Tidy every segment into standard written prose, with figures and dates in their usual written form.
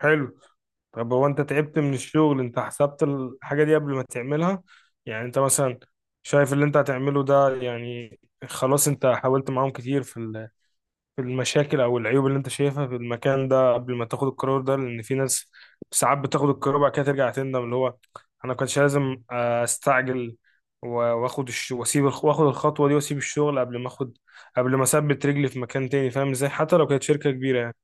حلو. طب هو انت تعبت من الشغل، انت حسبت الحاجة دي قبل ما تعملها؟ يعني انت مثلا شايف اللي انت هتعمله ده؟ يعني خلاص انت حاولت معاهم كتير في في المشاكل او العيوب اللي انت شايفها في المكان ده قبل ما تاخد القرار ده؟ لان في ناس ساعات بتاخد القرار بعد كده ترجع تندم، اللي هو انا كنتش لازم استعجل و- واخد الخطوة دي واسيب الشغل قبل ما اخد، قبل ما اثبت رجلي في مكان تاني. فاهم ازاي؟ حتى لو كانت شركة كبيرة يعني.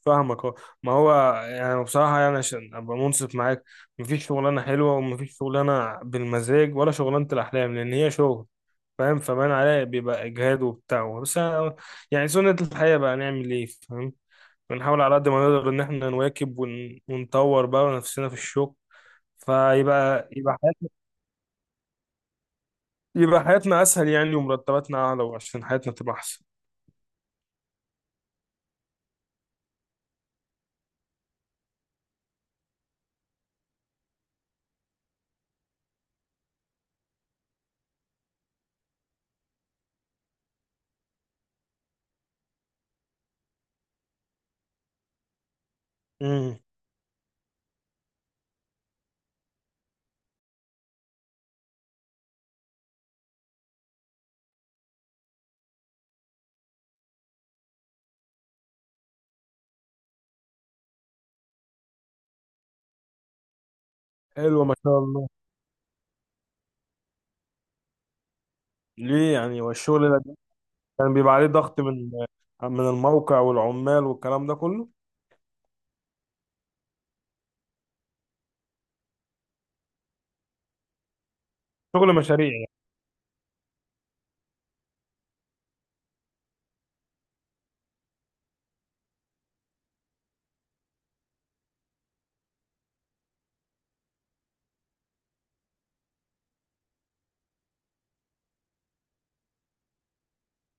فاهمك اه. ما هو يعني بصراحة، يعني عشان أبقى منصف معاك، مفيش شغلانة حلوة ومفيش شغلانة بالمزاج ولا شغلانة الأحلام، لأن هي شغل. فاهم؟ فبان عليها بيبقى إجهاد وبتاع، بس يعني سنة الحياة بقى، نعمل إيه؟ فاهم؟ بنحاول على قد ما نقدر إن إحنا نواكب ونطور بقى نفسنا في الشغل، فيبقى يبقى حياتنا يبقى حياتنا أسهل يعني، ومرتباتنا أعلى، وعشان حياتنا تبقى أحسن. امم. حلوة ما شاء الله. ليه يعني؟ والشغل كان بيبقى عليه ضغط من الموقع والعمال والكلام ده كله؟ شغل مشاريع يعني.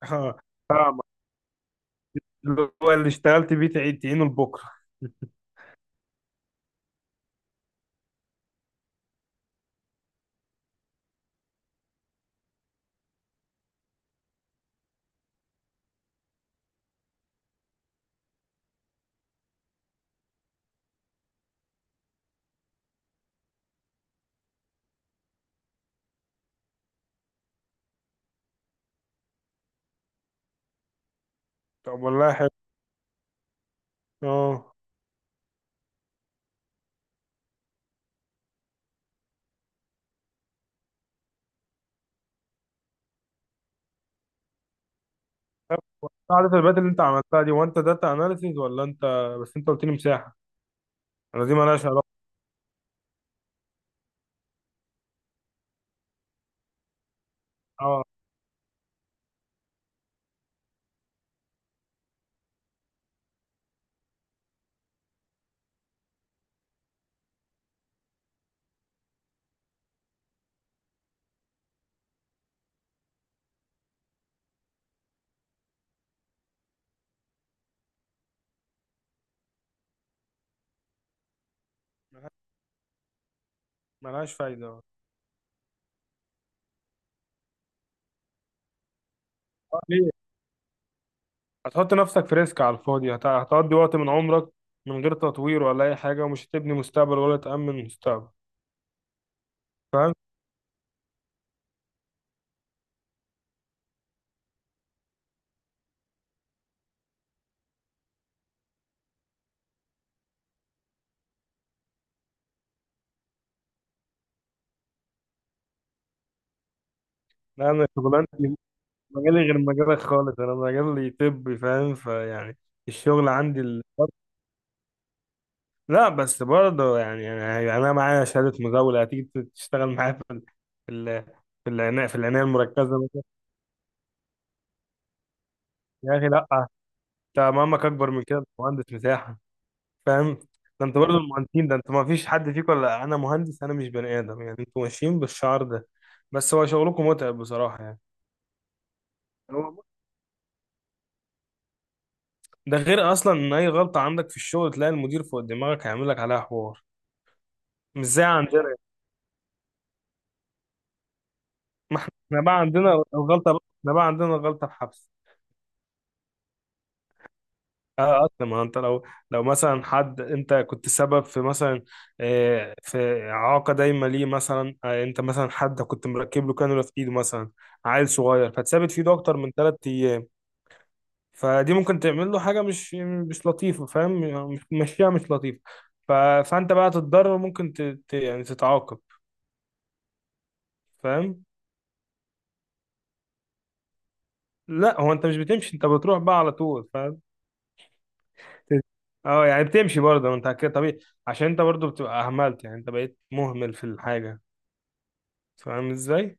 فاهمك. اللي هو اللي اشتغلت بيه تعيد تعينه لبكره. طب والله حلو. اه. طب عارف البات اللي انت عملتها دي، وانت داتا اناليسيز ولا انت؟ بس انت قلت لي مساحه. انا دي مالهاش علاقه. اه، مالهاش فايده اه. ليه؟ هتحط نفسك في ريسك على الفاضي، هتقضي وقت من عمرك من غير تطوير ولا اي حاجه، ومش هتبني مستقبل ولا تامن مستقبل. فاهم؟ لا انا شغلانتي، مجالي غير مجالك خالص. انا مجالي طبي، فاهم؟ فيعني الشغل عندي ال... لا بس برضه يعني انا معايا شهاده مزاوله، هتيجي تشتغل معايا في ال... في العنايه في العنايه المركزه مثلا؟ يا اخي لا. انت مهمك اكبر من كده، انت مهندس مساحه، فاهم؟ ده انت برضه المهندسين، ده انت ما فيش حد فيكم. ولا انا مهندس، انا مش بني ادم يعني؟ انتوا ماشيين بالشعار ده، بس هو شغلكم متعب بصراحه يعني. هو ده غير اصلا ان اي غلطه عندك في الشغل تلاقي المدير فوق دماغك هيعمل لك عليها حوار، مش زي عندنا. احنا بقى عندنا الغلطة، احنا بقى عندنا الغلطة الحبس. اه اصلا. ما انت لو، لو مثلا حد، انت كنت سبب في مثلا في اعاقه دايما ليه مثلا، انت مثلا حد كنت مركب له كانولا في ايده مثلا، عيل صغير، فتثبت في ايده اكتر من 3 ايام. فدي ممكن تعمل له حاجه مش لطيفه، فاهم؟ مش مشيها مش لطيفه. ف... فانت بقى تتضرر، ممكن يعني تتعاقب. فاهم؟ لا هو انت مش بتمشي، انت بتروح بقى على طول. اه يعني بتمشي برضه، ما انت كده طبيعي، عشان انت برضه بتبقى اهملت، يعني انت بقيت مهمل في الحاجه. فاهم ازاي؟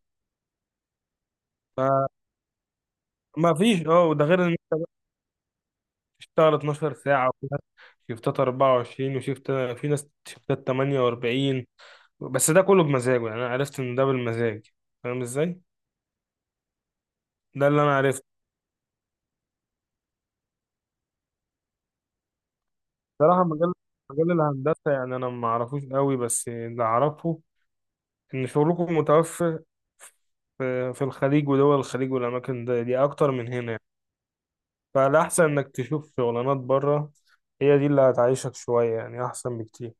فما فيش اه. وده غير ان تشتغل 12 ساعه، وفي ناس شيفتات 24 وشيفت، في ناس شيفتات 48. بس ده كله بمزاجه يعني، انا عرفت ان ده بالمزاج. فاهم ازاي؟ ده اللي انا عرفته. بصراحه مجال، مجال الهندسه يعني انا ما اعرفوش قوي، بس اللي اعرفه ان شغلكم متوفر في الخليج ودول الخليج والاماكن دي، دي اكتر من هنا يعني. فالأحسن إنك تشوف شغلانات بره، هي دي اللي هتعيشك شوية يعني أحسن بكتير.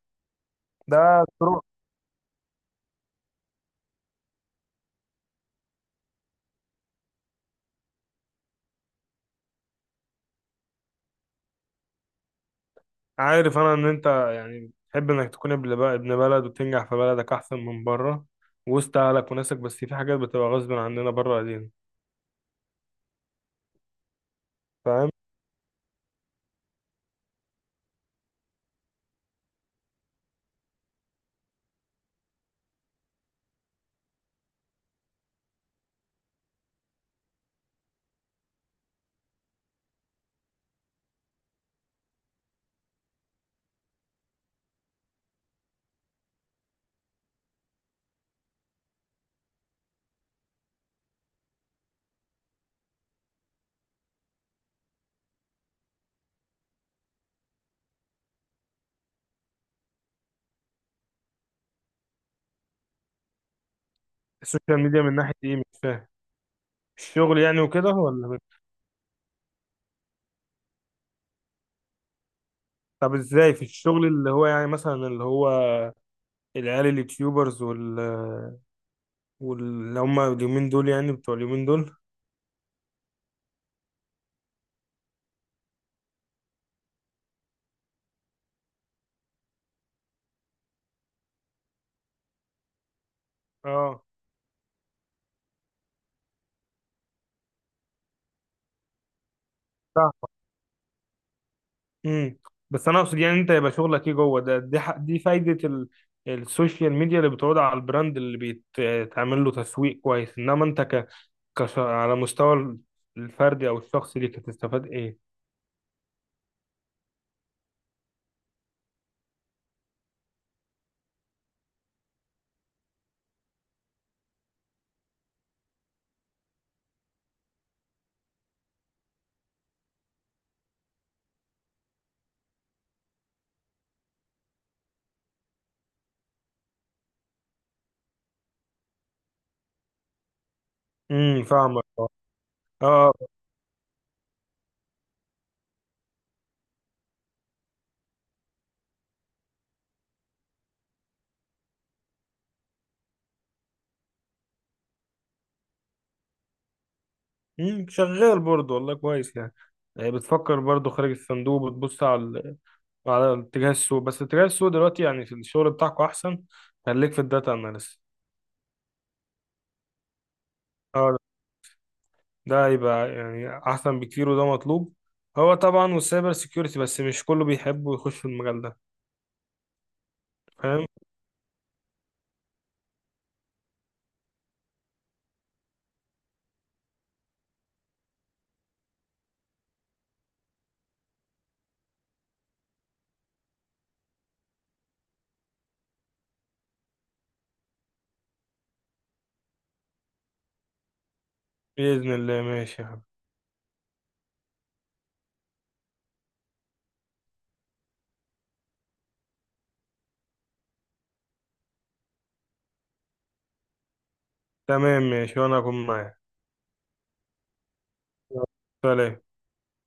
ده طرق. عارف أنا إن أنت يعني تحب إنك تكون ابن بلد وتنجح في بلدك أحسن من بره، وسط أهلك وناسك، بس في حاجات بتبقى غصب عننا بره أيدينا. فاهم؟ السوشيال ميديا من ناحية إيه مش فاهم، الشغل يعني وكده ولا طب إزاي في الشغل اللي هو يعني، مثلا اللي هو العيال اليوتيوبرز واللي هم اليومين دول يعني، بتوع اليومين دول؟ اه. امم. بس انا اقصد يعني انت يبقى شغلك ايه جوه ده؟ دي دي فايده السوشيال ميديا اللي بتعود على البراند اللي بيتعمل له تسويق كويس، انما انت على مستوى الفردي او الشخصي ليك هتستفاد ايه؟ فاهمك اه. آه. شغال برضه والله كويس يعني. يعني بتفكر برضه خارج الصندوق، بتبص على على اتجاه السوق، بس اتجاه السوق دلوقتي يعني في الشغل بتاعكوا احسن، خليك في الداتا اناليست. ده هيبقى يعني احسن بكتير وده مطلوب. هو طبعا، والسايبر سيكيورتي، بس مش كله بيحب ويخش في المجال ده. فاهم؟ بإذن الله. ماشي يا حبيبي. تمام ماشي، وانا هكون معاك. يلا، سلام.